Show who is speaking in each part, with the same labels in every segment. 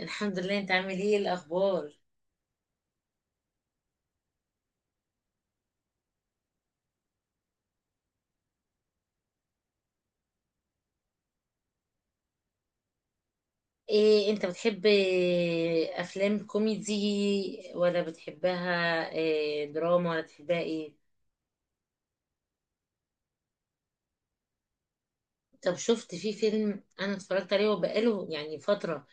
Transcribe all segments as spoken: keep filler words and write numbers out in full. Speaker 1: الحمد لله. انت عامل ايه؟ إيه الاخبار ايه انت بتحب، افلام كوميدي ولا بتحبها إيه دراما ولا بتحبها ايه؟ طب شفت في فيلم انا اتفرجت عليه وبقاله يعني فترة،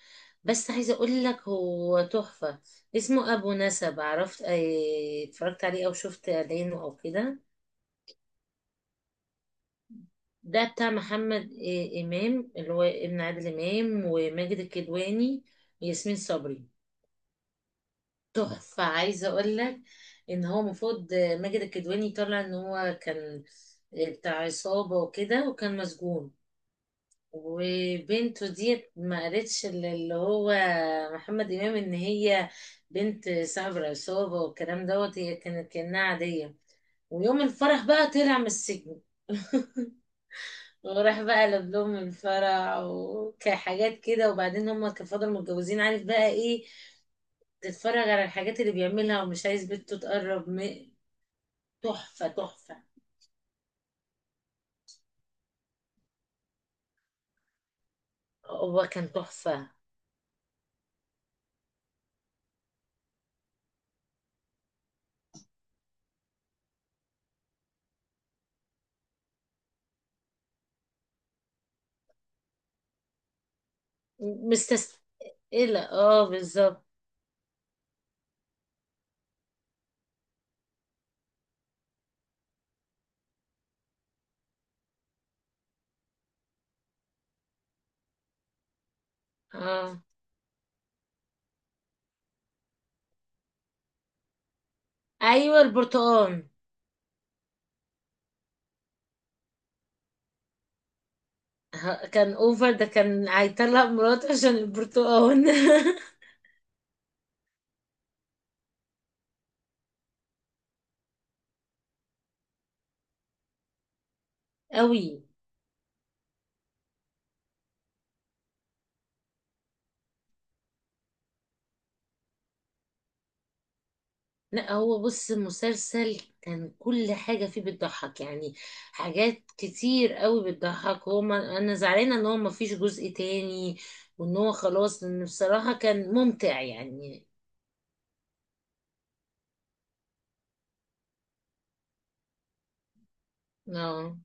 Speaker 1: بس عايزة اقول لك هو تحفة. اسمه ابو نسب، عرفت؟ ايه اتفرجت عليه او شفت اعلانه او كده؟ ده بتاع محمد إيه امام، اللي هو ابن عادل امام، وماجد الكدواني وياسمين صبري. تحفة، عايزة اقول لك ان هو المفروض ماجد الكدواني طلع ان هو كان بتاع عصابة وكده، وكان مسجون، وبنته ديت ما قالتش اللي هو محمد امام ان هي بنت صاحب العصابة والكلام دوت، هي كانت كأنها عادية. ويوم الفرح بقى طلع من السجن، وراح بقى لبلوم الفرح وكحاجات كده. وبعدين هما كانوا فضلوا متجوزين، عارف بقى ايه؟ تتفرج على الحاجات اللي بيعملها ومش عايز بنته تقرب م... تحفة، تحفة. هو كان تحفة. مستسئلة، اه بالظبط. اه، ايوه البرتقال. ه- كان اوفر، ده كان هيطلق مراته عشان البرتقال. قوي. لا، هو بص المسلسل كان كل حاجة فيه بتضحك يعني، حاجات كتير قوي بتضحك. هو ما انا زعلانة ان هو ما فيش جزء تاني، وان هو خلاص، لان بصراحة كان ممتع يعني. اه.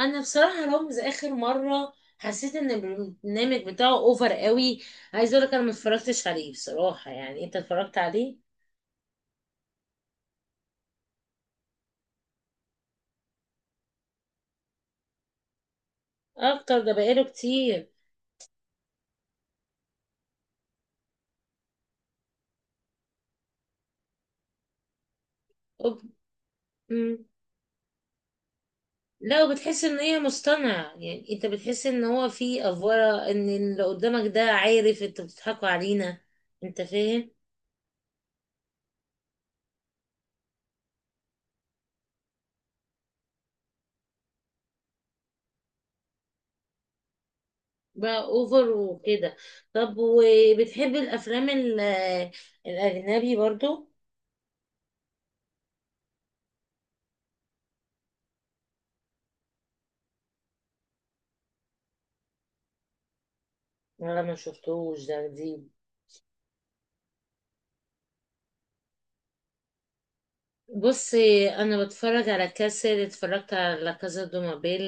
Speaker 1: انا بصراحه رامز اخر مره حسيت ان البرنامج بتاعه اوفر قوي. عايز اقول لك انا ما اتفرجتش عليه بصراحه، يعني انت اتفرجت عليه؟ اكتر، ده بقاله كتير. أوب... مم. لا، وبتحس ان هي مصطنع، يعني انت بتحس ان هو في افوره، ان اللي قدامك ده عارف انتوا بتضحكوا علينا. انت فاهم؟ بقى اوفر وكده. طب وبتحب الافلام ال- الاجنبي برضو ولا ما شفتوش؟ ده جديد. بصي انا بتفرج على كاسل، اتفرجت على لا كازا دو مابيل.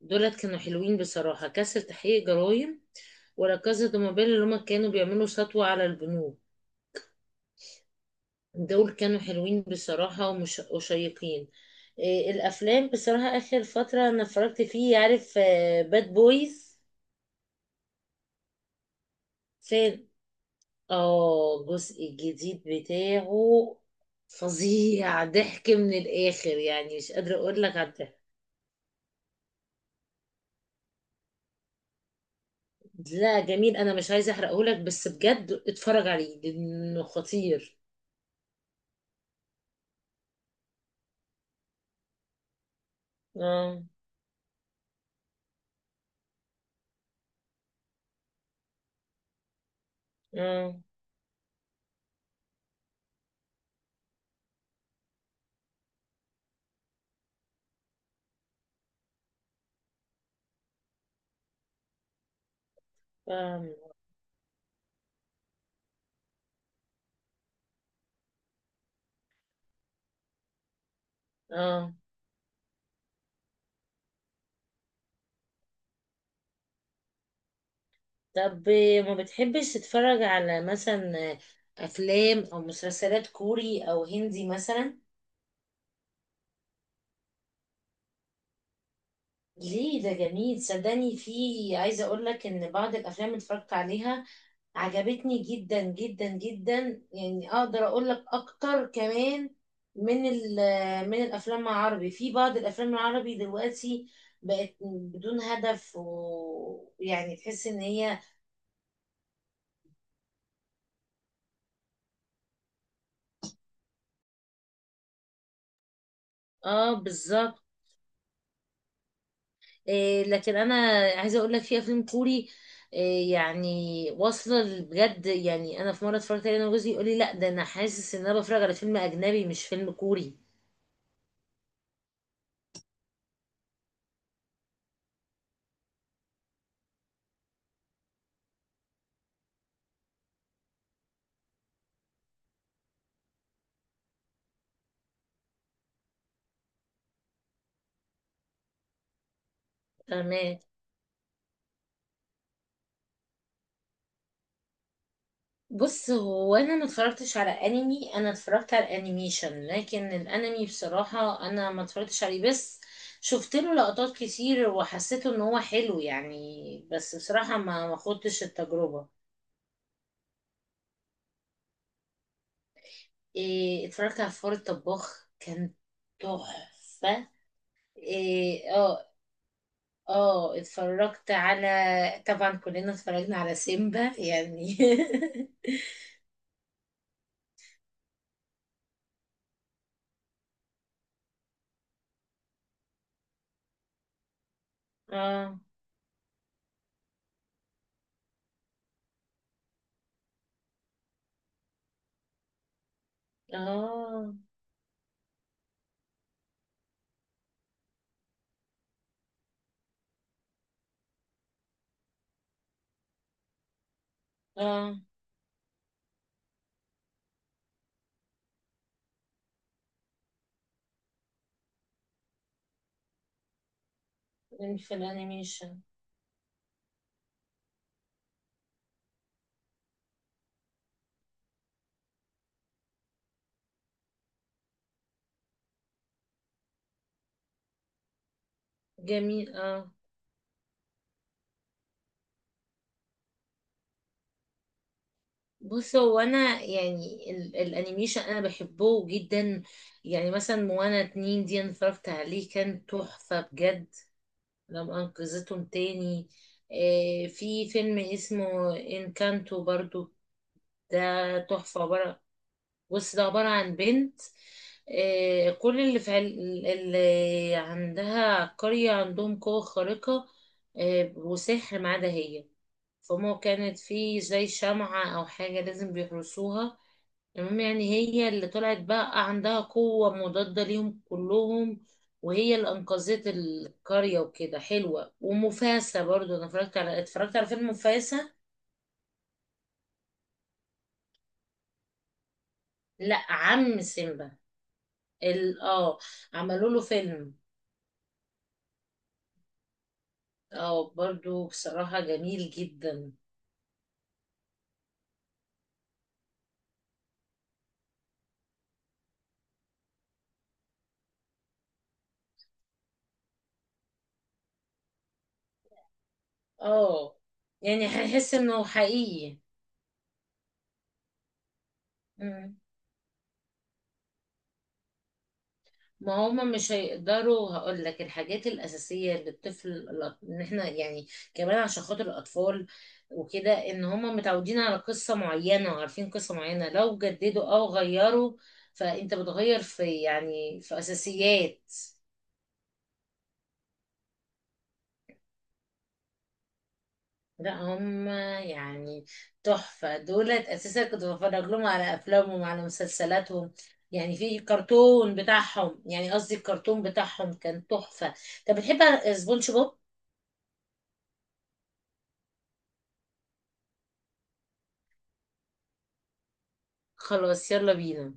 Speaker 1: دولت كانوا حلوين بصراحه. كاسل تحقيق جرائم، ولا كازا دو مابيل اللي هما كانوا بيعملوا سطوه على البنوك. دول كانوا حلوين بصراحه ومش وشيقين. إيه الافلام بصراحه اخر فتره انا اتفرجت فيه، عارف؟ باد بويز. فين؟ اه الجزء الجديد بتاعه، فظيع، ضحك من الاخر يعني، مش قادره اقول لك على الضحك. لا جميل، انا مش عايزه احرقهولك بس بجد اتفرج عليه لانه خطير. اه اه فاهم. اه. طب ما بتحبش تتفرج على مثلا افلام او مسلسلات كوري او هندي مثلا؟ ليه، ده جميل صدقني. في، عايزة اقول لك ان بعض الافلام اللي اتفرجت عليها عجبتني جدا جدا جدا، يعني اقدر اقول لك اكتر كمان من ال- من الافلام العربي. في بعض الافلام العربي دلوقتي بقت بدون هدف، ويعني تحس ان هي. اه بالظبط. إيه لكن انا عايزه اقول لك في افلام كوري إيه يعني، واصله ل- بجد، يعني انا في مره اتفرجت عليه انا وجوزي يقول لي لا ده انا حاسس ان انا بتفرج على فيلم اجنبي مش فيلم كوري. فاهمه. بص هو انا ما اتفرجتش على انمي، انا اتفرجت على انيميشن، لكن الانمي بصراحه انا ما اتفرجتش عليه، بس شفت له لقطات كتير وحسيته ان هو حلو يعني، بس بصراحه ما ما خدتش التجربه. إيه، اتفرجت على فار الطباخ، كان تحفه. إيه اه. اه اتفرجت على، طبعا كلنا اتفرجنا على سيمبا يعني. اه اه. اه في الانيميشن. جميل اه. بص هو انا يعني ال الانيميشن انا بحبه جدا. يعني مثلا موانا اتنين دي انا اتفرجت عليه كان تحفة بجد، لما انقذتهم تاني. آه في فيلم اسمه انكانتو برضو، ده تحفة. عبارة، بص ده عبارة عن بنت، آه، كل اللي في عل... اللي عندها قرية عندهم قوة خارقة، آه، وسحر ما عدا هي. فما كانت في زي شمعة أو حاجة لازم بيحرسوها. المهم يعني هي اللي طلعت بقى عندها قوة مضادة ليهم كلهم، وهي اللي أنقذت القرية وكده. حلوة. ومفاسة برضو أنا اتفرجت على، اتفرجت على فيلم مفاسة. لا، عم سيمبا. ال... اه عملوا له فيلم. اه، برضو بصراحة جميل جدا. اه يعني هيحس انه حقيقي. مم. ما هما مش هيقدروا، هقول لك الحاجات الأساسية اللي الطفل الأط- ان احنا يعني كمان عشان خاطر الأطفال وكده، ان هما متعودين على قصة معينة وعارفين قصة معينة، لو جددوا او غيروا فانت بتغير في يعني في أساسيات. لا هم يعني تحفة، دولت أساسا كنت بتفرج لهم على أفلامهم على مسلسلاتهم. يعني في كرتون بتاعهم، يعني قصدي الكرتون بتاعهم كان تحفة. طب بتحب سبونج بوب؟ خلاص يلا بينا.